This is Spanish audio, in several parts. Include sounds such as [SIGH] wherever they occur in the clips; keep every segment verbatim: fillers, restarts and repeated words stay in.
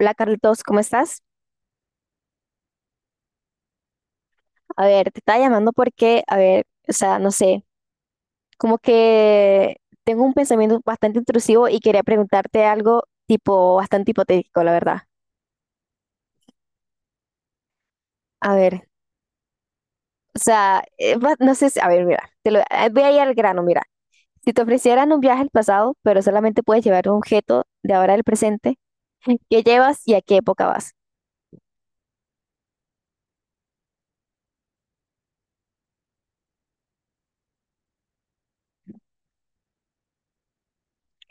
Hola Carlitos, ¿cómo estás? A ver, te estaba llamando porque, a ver, o sea, no sé, como que tengo un pensamiento bastante intrusivo y quería preguntarte algo tipo bastante hipotético, la verdad. A ver, o sea, eh, va- no sé si, a ver, mira, te lo, eh, voy a ir al grano, mira. Si te ofrecieran un viaje al pasado, pero solamente puedes llevar un objeto de ahora al presente, ¿qué llevas y a qué época vas?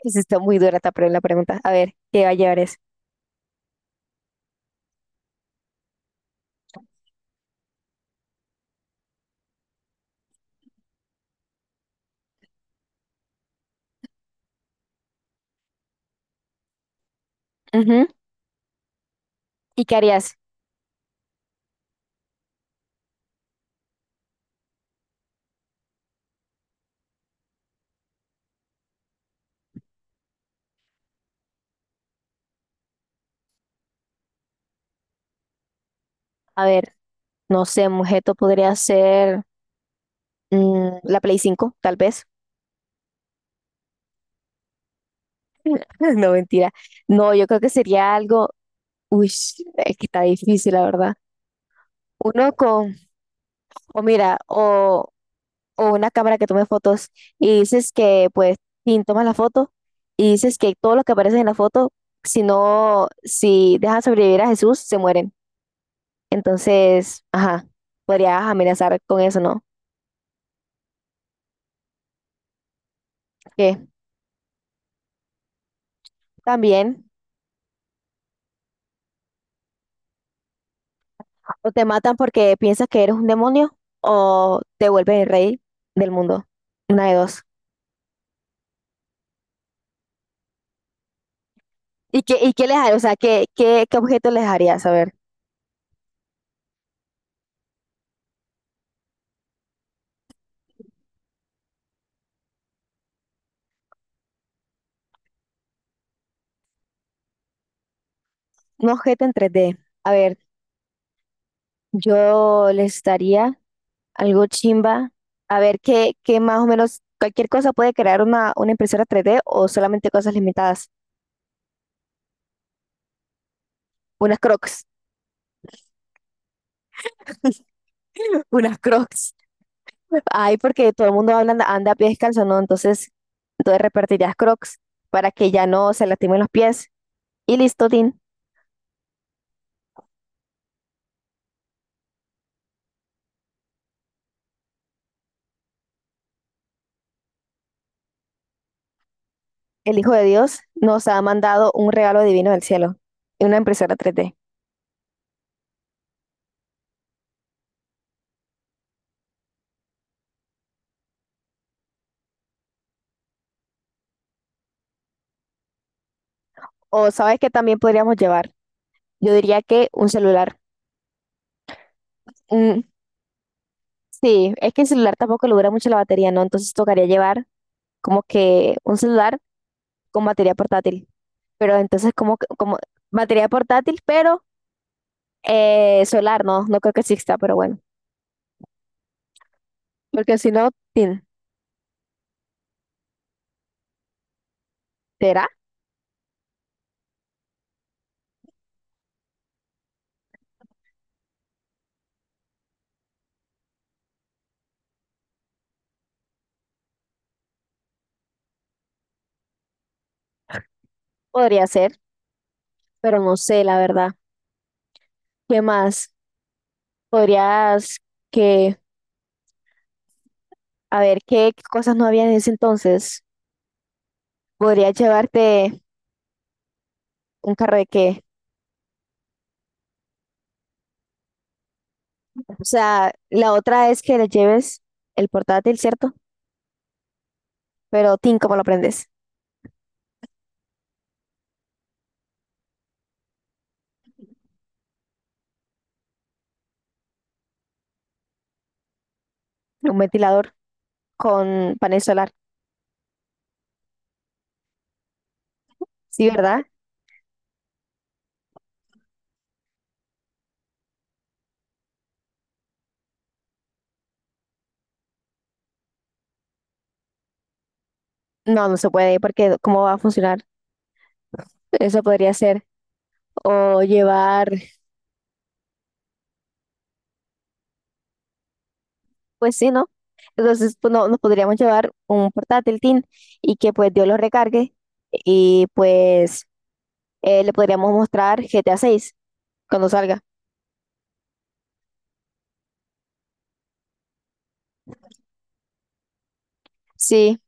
Sí, está muy dura esta pre- la pregunta. A ver, ¿qué va a llevar eso? Ujú. ¿Y qué harías? A ver, no sé, un objeto podría ser... Mm, la Play cinco tal vez. [LAUGHS] No, mentira. No, yo creo que sería algo. Uy, es que está difícil, la verdad. Uno con, o mira, o, o una cámara que tome fotos y dices que, pues, sin tomas la foto y dices que todos los que aparecen en la foto, si no, si dejan sobrevivir a Jesús, se mueren. Entonces, ajá, podrías amenazar con eso, ¿no? Que también. O te matan porque piensas que eres un demonio o te vuelves el rey del mundo. Una de dos. ¿Y qué, y qué les haría? O sea, ¿qué, qué, qué objeto les harías? A ver, un objeto en tres D. A ver, yo les daría algo chimba. A ver, ¿qué, qué más o menos, cualquier cosa puede crear una, una impresora tres D o solamente cosas limitadas? Unas crocs, [LAUGHS] unas crocs. Ay, porque todo el mundo habla- anda a pie descalzo, ¿no? Entonces, entonces repartirías crocs para que ya no se lastimen los pies. Y listo, Tin. El Hijo de Dios nos ha mandado un regalo divino del cielo, una impresora tres d. O sabes que también podríamos llevar, yo diría que un celular. Mm, sí, es que el celular tampoco le dura mucho la batería, ¿no? Entonces tocaría llevar como que un celular con batería portátil. Pero entonces como, que- como batería portátil, pero eh, solar, no, no creo que exista, pero bueno. Porque si no, tin, ¿será? Podría ser, pero no sé, la verdad. ¿Qué más? Podrías que... A ver, ¿qué cosas no había en ese entonces? Podría llevarte un carro de qué. O sea, la otra es que le lleves el portátil, ¿cierto? Pero, Tim, ¿cómo lo prendes? Un ventilador con panel solar. Sí, ¿verdad? No, no se puede, porque ¿cómo va a funcionar? Eso podría ser. O llevar, pues sí, ¿no? Entonces, pues, no, nos podríamos llevar un portátil, tin, y que pues Dios lo recargue y pues eh, le podríamos mostrar G T A seis cuando salga. Sí,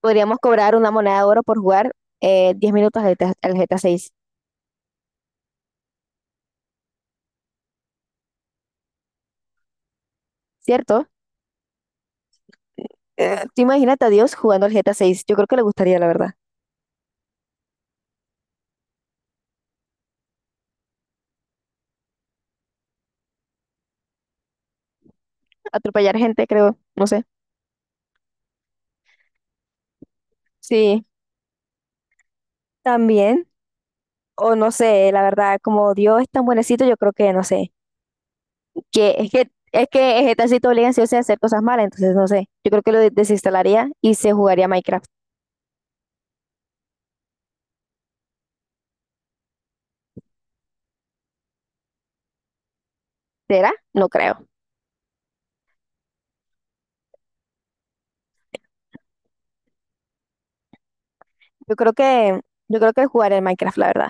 podríamos cobrar una moneda de oro por jugar eh, diez minutos al G T A, al G T A seis, ¿cierto? Eh, tú imagínate a Dios jugando al G T A seis. Yo creo que le gustaría, la verdad. Atropellar gente, creo. No sé. Sí, también. O no sé, la verdad, como Dios es tan buenecito, yo creo que, no sé. Que es que es que el G T A sí te obliga sí o sí a hacer cosas malas, entonces no sé. Yo creo que lo de- desinstalaría y se jugaría Minecraft. ¿Será? No creo. Yo creo que, yo creo que jugaría el Minecraft, la verdad.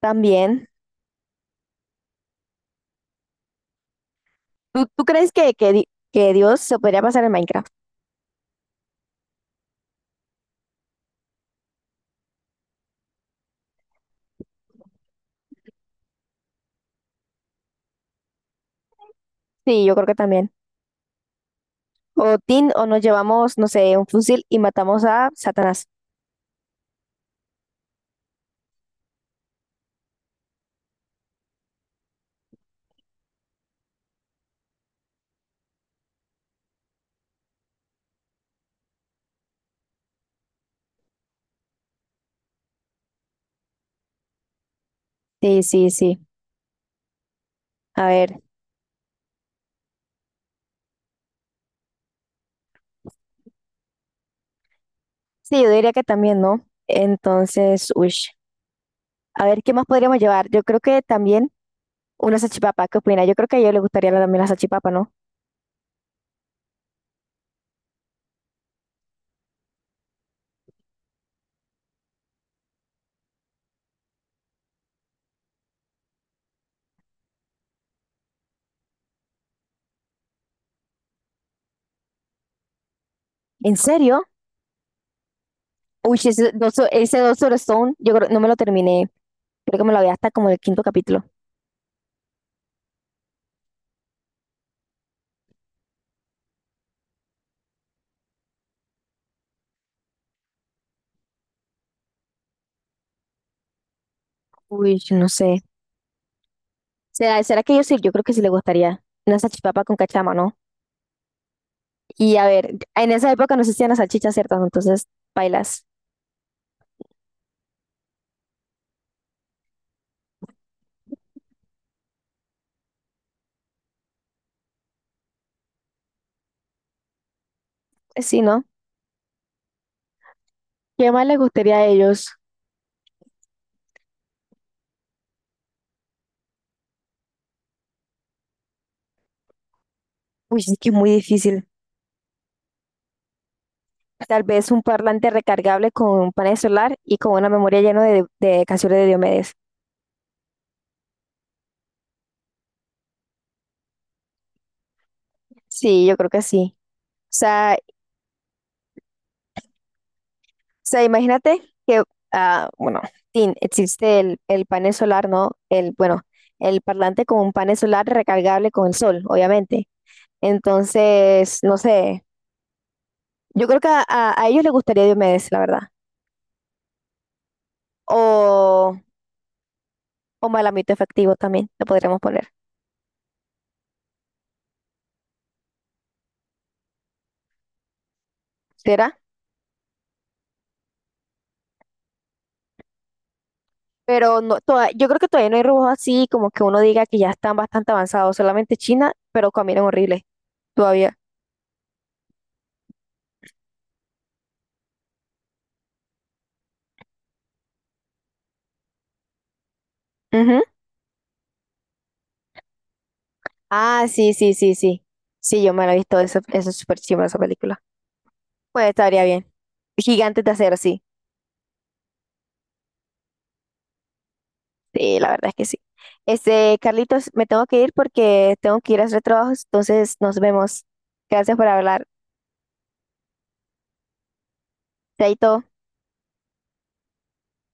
También. ¿Tú, tú crees que, que, di- que Dios se podría pasar en Minecraft? Sí, yo creo que también. O Tin, o nos llevamos, no sé, un fusil y matamos a Satanás. Sí, sí, sí. A ver. Sí, yo diría que también, ¿no? Entonces, uy. A ver, ¿qué más podríamos llevar? Yo creo que también una salchipapa. ¿Qué opina? Yo creo que a ellos les gustaría la- también la salchipapa, ¿no? ¿En serio? Uy, ese Doctor, ese Doctor Stone, yo creo, no me lo terminé. Creo que me lo había hasta como el quinto capítulo. Uy, no sé. ¿Será, será que yo sí? Yo creo que sí le gustaría. Una salchipapa con cachama, ¿no? Y a ver, en esa época no existían las salchichas, ¿cierto? Entonces, bailas. Pues sí, ¿no? ¿Qué más les gustaría a ellos? Uy, es que muy difícil. Tal vez un parlante recargable con un panel solar y con una memoria llena de, de canciones de Diomedes. Sí, yo creo que sí. O sea, o sea, imagínate que, ah, bueno, tin- existe el, el panel solar, ¿no? El, bueno, el parlante con un panel solar recargable con el sol, obviamente. Entonces, no sé, yo creo que a, a- a ellos les gustaría Diomedes, la verdad. O, o Malamito Efectivo también, lo podríamos poner. ¿Será? Pero no, toda- yo creo que todavía no hay robots así, como que uno diga que ya están bastante avanzados, solamente China, pero caminan horrible todavía. Ujú. Ah, sí, sí, sí, sí. Sí, yo me la he visto, eso, eso es súper chimba esa película. Pues estaría bien. Gigantes de Acero, sí. Sí, la verdad es que sí. Este, Carlitos, me tengo que ir porque tengo que ir a hacer trabajos, entonces nos vemos. Gracias por hablar. Chaito.